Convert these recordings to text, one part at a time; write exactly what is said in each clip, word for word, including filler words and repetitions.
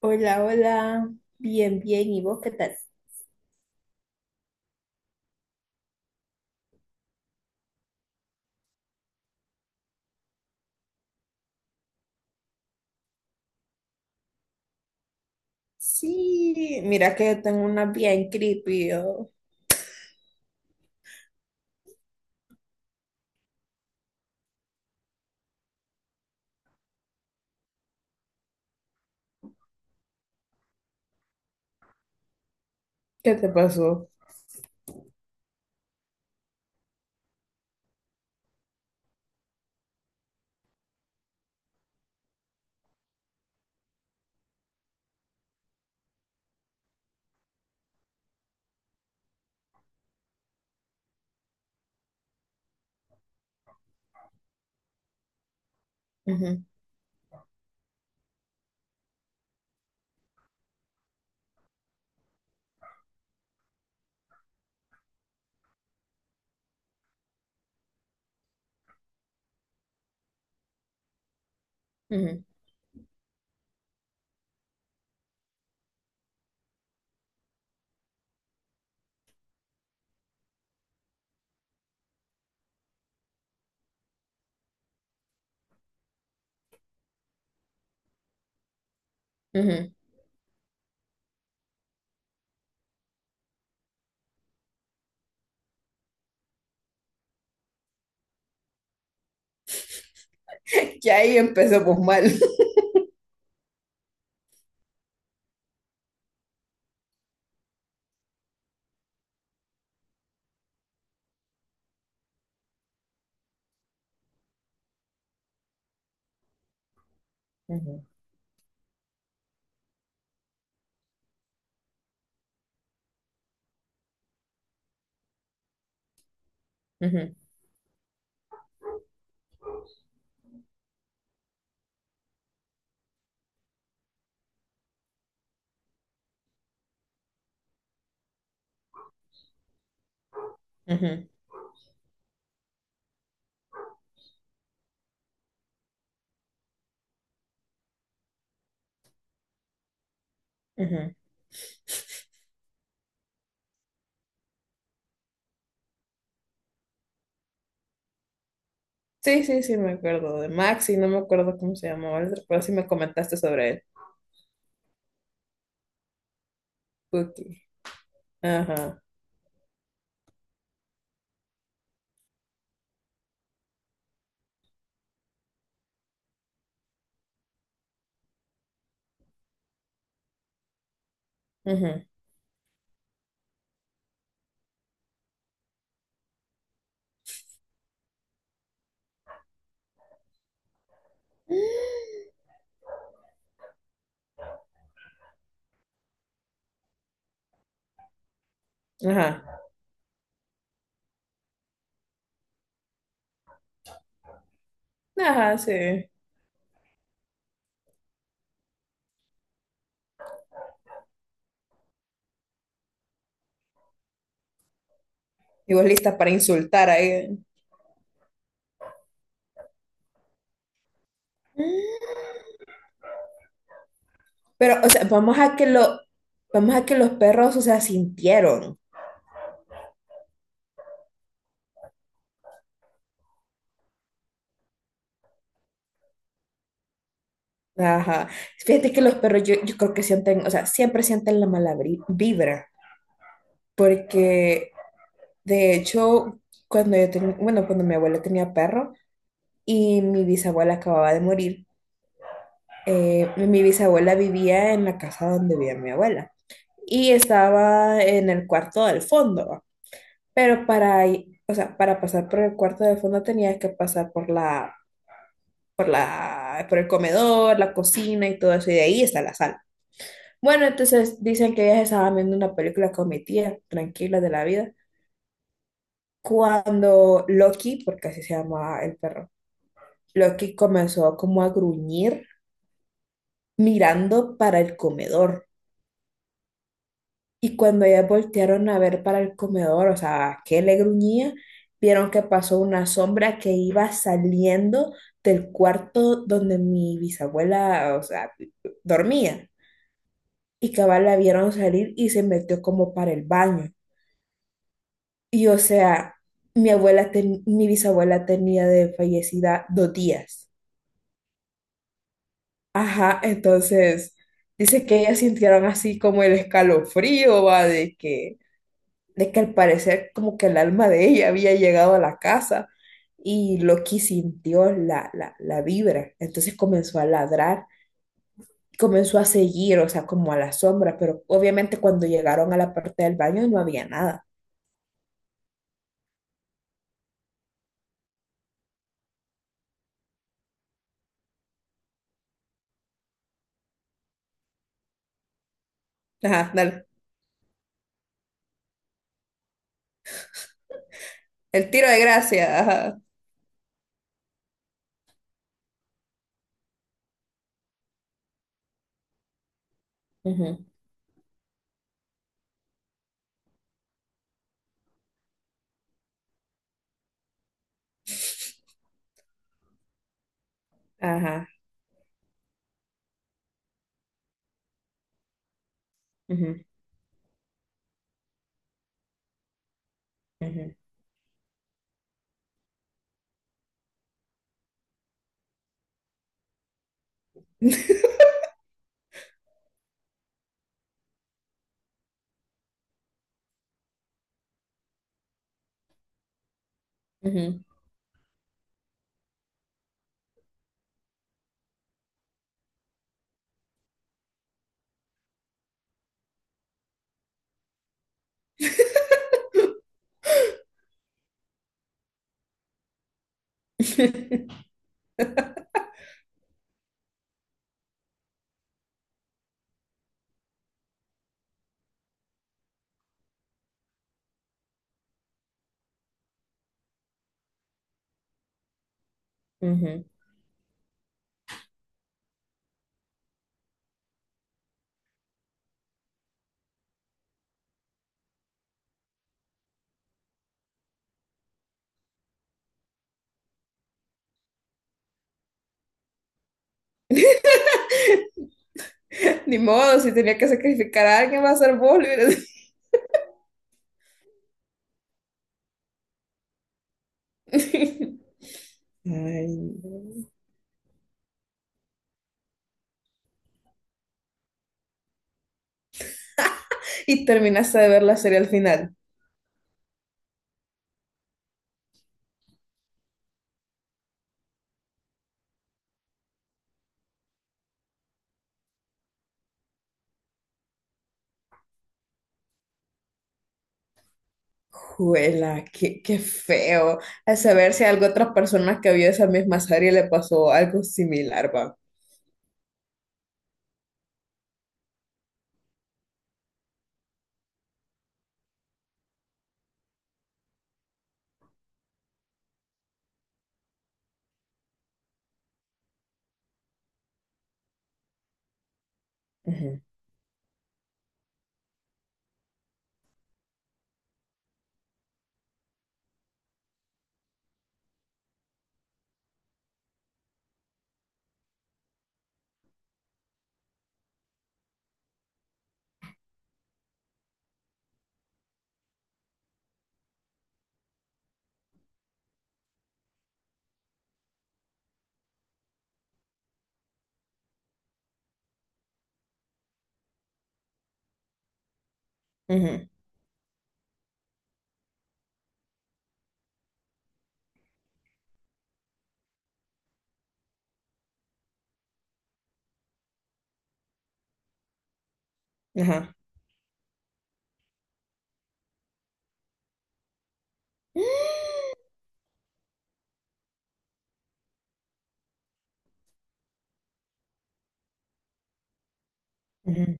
Hola, hola. Bien, bien. ¿Y vos qué tal? Sí, mira que yo tengo una bien creepy, yo. ¿Qué te pasó? Ujú, ujú, ujú. Ya ahí empezamos mal. Ujú. Ujú, ujú, ujú. Sí, sí, sí, me acuerdo de Maxi, no me acuerdo cómo se llamaba el otro, pero sí me comentaste sobre él. Cookie. Ajá, ujú. Ajá, ajá, sí. Y vos lista para insultar ahí. Pero, o sea, vamos a que lo, vamos a que los perros, o sea, sintieron. Ajá. Fíjate que los perros, yo, yo creo que sienten, o sea, siempre sienten la mala bri- vibra. Porque, de hecho, cuando yo tenía, bueno, cuando mi abuela tenía perro, y mi bisabuela acababa de morir. Eh, mi bisabuela vivía en la casa donde vivía mi abuela y estaba en el cuarto del fondo, ¿va? Pero para, i- o sea, para pasar por el cuarto del fondo tenía que pasar por la, por la, por el comedor, la cocina y todo eso, y de ahí está la sala. Bueno, entonces dicen que ellas estaban viendo una película con mi tía, tranquila de la vida, cuando Loki, porque así se llama el perro, Loki comenzó como a gruñir mirando para el comedor. Y cuando ellas voltearon a ver para el comedor, o sea, que le gruñía, vieron que pasó una sombra que iba saliendo del cuarto donde mi bisabuela, o sea, dormía. Y cabal la vieron salir y se metió como para el baño. Y o sea, mi abuela, ten- mi bisabuela tenía de fallecida dos días. Ajá, entonces dice que ellas sintieron así como el escalofrío, va, de que de que al parecer como que el alma de ella había llegado a la casa y Loki sintió la, la, la vibra, entonces comenzó a ladrar, comenzó a seguir, o sea, como a la sombra, pero obviamente cuando llegaron a la parte del baño no había nada. Ajá, dale. El tiro de gracia. Ajá. Ujú. Ajá. Ujú, ujú, ujú, ujú. Ni modo, si tenía que sacrificar a alguien, va a ser vos, le hubiera dicho. Ay, no. Y terminaste de ver la serie al final. Juela, qué, qué feo. A saber si a alguna otra persona que vio esa misma serie le pasó algo similar, va. Ujú, ujú, ajá. Ujú,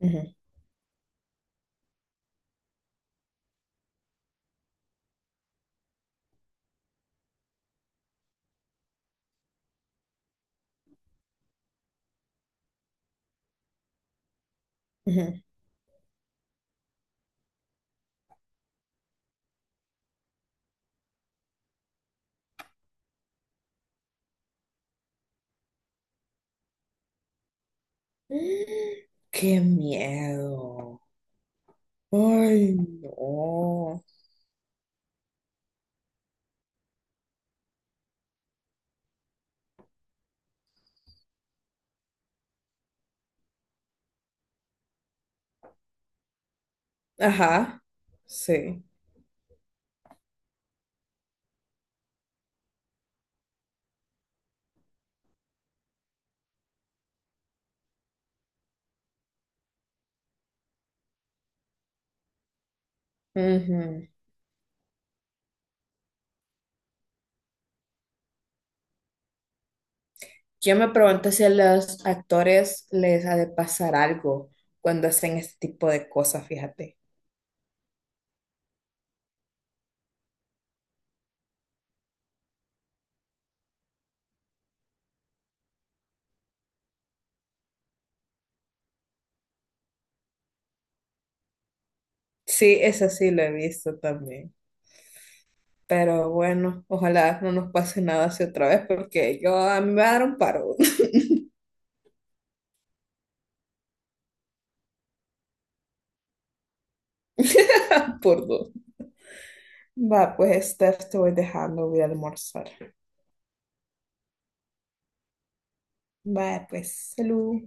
ujú, ujú. ¡Qué miedo! Ay, no. Ajá, sí. Ujú. Yo me pregunto si a los actores les ha de pasar algo cuando hacen este tipo de cosas, fíjate. Sí, eso sí lo he visto también. Pero bueno, ojalá no nos pase nada así otra vez porque yo a mí me va a dar un paro por dos. Va, pues Steph, te voy dejando, voy a almorzar. Va, pues, salud.